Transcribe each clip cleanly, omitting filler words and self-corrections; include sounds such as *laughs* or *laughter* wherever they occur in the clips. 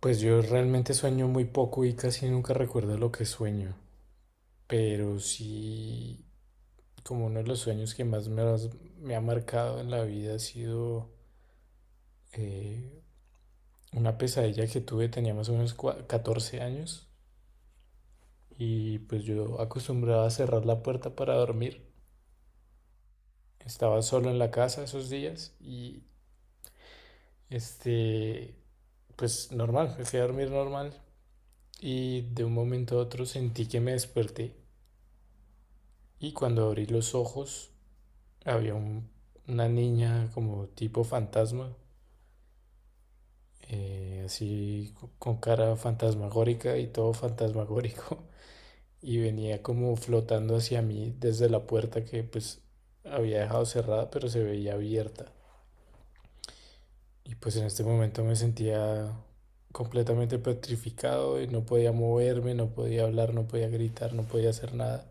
Pues yo realmente sueño muy poco y casi nunca recuerdo lo que sueño, pero sí, como uno de los sueños que más me ha marcado en la vida ha sido eh, una pesadilla que tuve, tenía más o menos 14 años y pues yo acostumbraba a cerrar la puerta para dormir. Estaba solo en la casa esos días y este, pues normal, me fui a dormir normal y de un momento a otro sentí que me desperté, y cuando abrí los ojos había una niña como tipo fantasma, con cara fantasmagórica y todo fantasmagórico, *laughs* y venía como flotando hacia mí desde la puerta que pues había dejado cerrada, pero se veía abierta. Y pues en este momento me sentía completamente petrificado y no podía moverme, no podía hablar, no podía gritar, no podía hacer nada.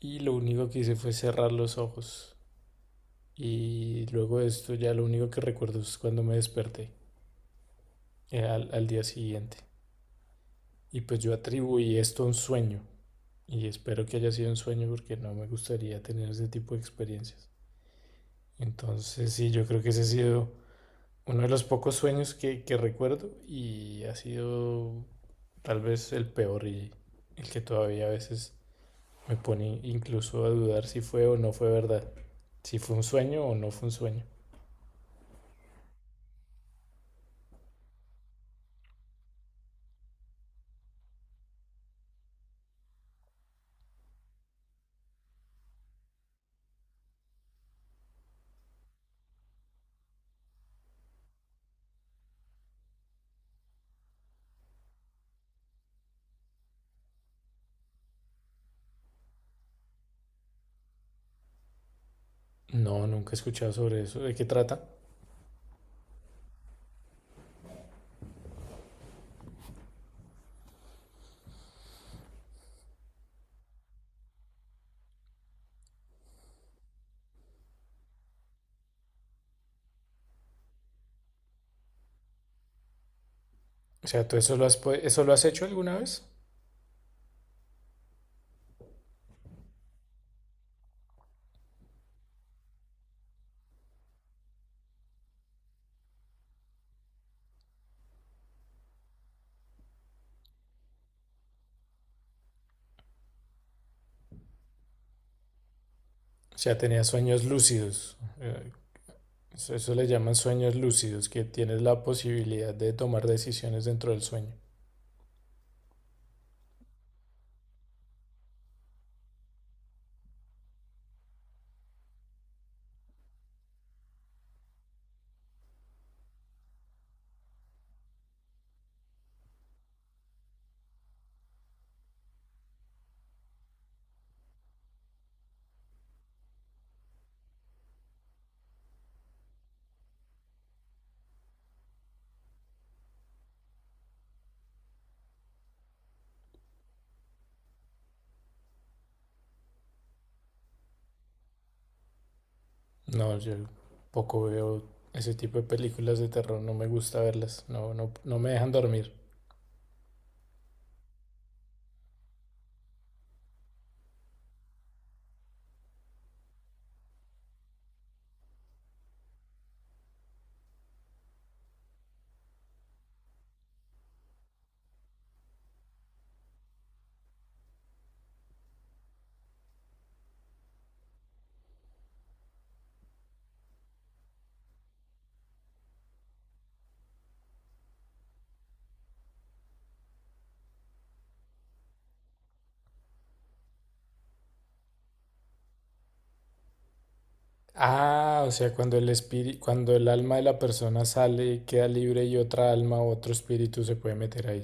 Y lo único que hice fue cerrar los ojos. Y luego de esto ya lo único que recuerdo es cuando me desperté, al día siguiente. Y pues yo atribuí esto a un sueño. Y espero que haya sido un sueño porque no me gustaría tener ese tipo de experiencias. Entonces sí, yo creo que ese ha sido uno de los pocos sueños que recuerdo y ha sido tal vez el peor y el que todavía a veces me pone incluso a dudar si fue o no fue verdad. Si fue un sueño o no fue un sueño. No, nunca he escuchado sobre eso. ¿De qué trata? O sea, ¿tú eso lo has, eso lo has hecho alguna vez? O sea, tenía sueños lúcidos. Eso, eso le llaman sueños lúcidos, que tienes la posibilidad de tomar decisiones dentro del sueño. No, yo poco veo ese tipo de películas de terror, no me gusta verlas, no, no, no me dejan dormir. Ah, o sea, cuando el espíritu, cuando el alma de la persona sale y queda libre y otra alma o otro espíritu se puede meter ahí.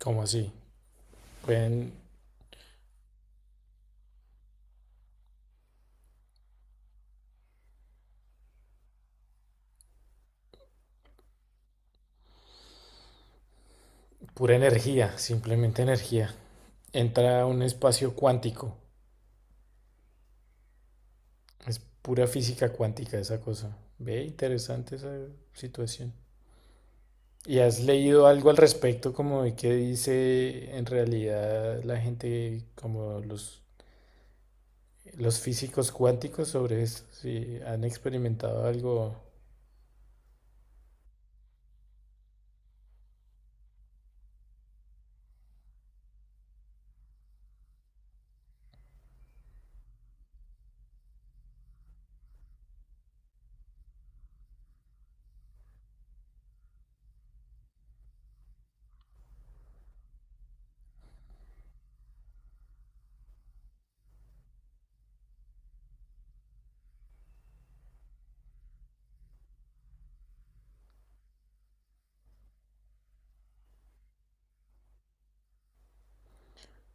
¿Cómo así? Pueden, pura energía, simplemente energía. Entra a un espacio cuántico. Es pura física cuántica esa cosa. Ve, interesante esa situación. ¿Y has leído algo al respecto como de qué dice en realidad la gente, como los físicos cuánticos sobre esto? Si han experimentado algo,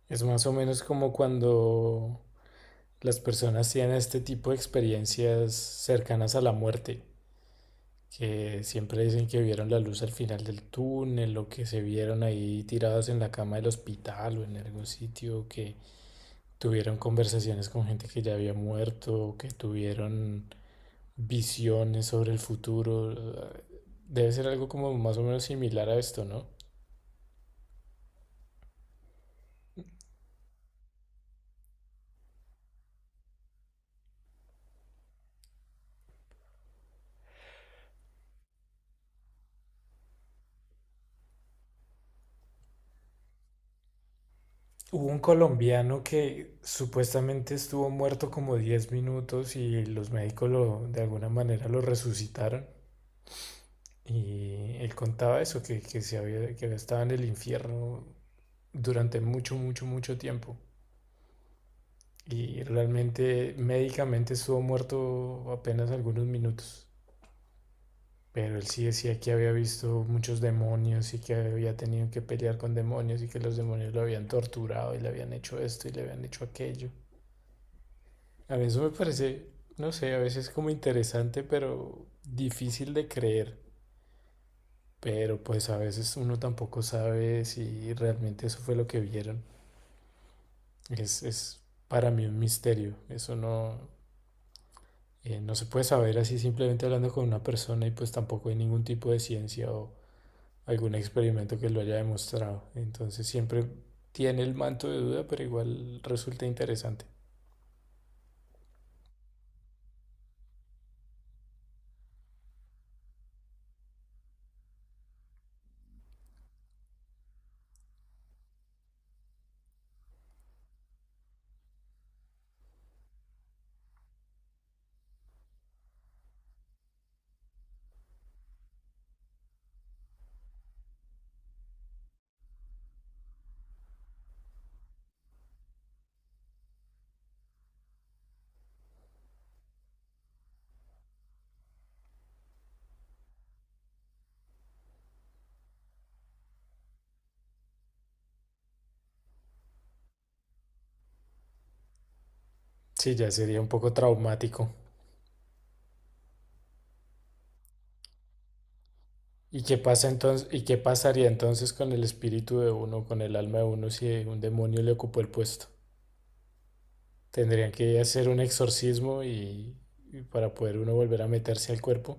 es más o menos como cuando las personas tienen este tipo de experiencias cercanas a la muerte, que siempre dicen que vieron la luz al final del túnel o que se vieron ahí tiradas en la cama del hospital o en algún sitio, que tuvieron conversaciones con gente que ya había muerto, o que tuvieron visiones sobre el futuro. Debe ser algo como más o menos similar a esto, ¿no? Hubo un colombiano que supuestamente estuvo muerto como 10 minutos y los médicos lo, de alguna manera lo resucitaron. Y él contaba eso, se había, que había estado en el infierno durante mucho, mucho, mucho tiempo. Y realmente médicamente estuvo muerto apenas algunos minutos. Pero él sí decía que había visto muchos demonios y que había tenido que pelear con demonios y que los demonios lo habían torturado y le habían hecho esto y le habían hecho aquello. A mí eso me parece, no sé, a veces como interesante, pero difícil de creer. Pero pues a veces uno tampoco sabe si realmente eso fue lo que vieron. Es para mí un misterio. Eso no, no se puede saber así simplemente hablando con una persona y pues tampoco hay ningún tipo de ciencia o algún experimento que lo haya demostrado. Entonces siempre tiene el manto de duda, pero igual resulta interesante. Sí, ya sería un poco traumático. ¿Y qué pasa entonces, y qué pasaría entonces con el espíritu de uno, con el alma de uno si un demonio le ocupó el puesto? Tendrían que hacer un exorcismo y para poder uno volver a meterse al cuerpo.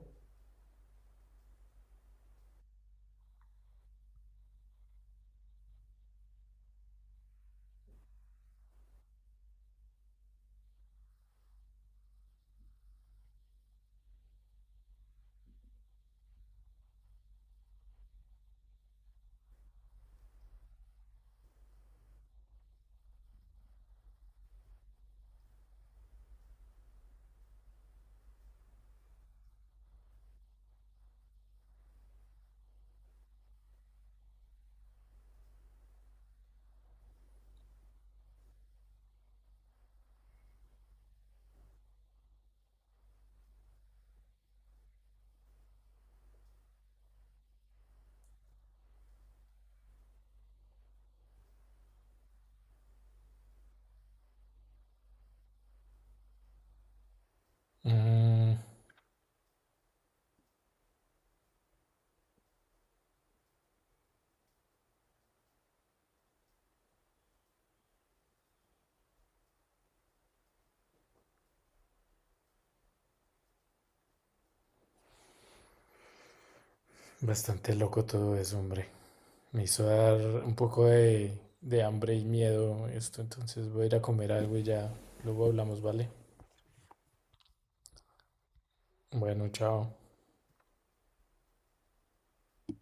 Mm, bastante loco todo eso, hombre. Me hizo dar un poco de hambre y miedo esto, entonces voy a ir a comer algo y ya luego hablamos, ¿vale? Bueno, chao.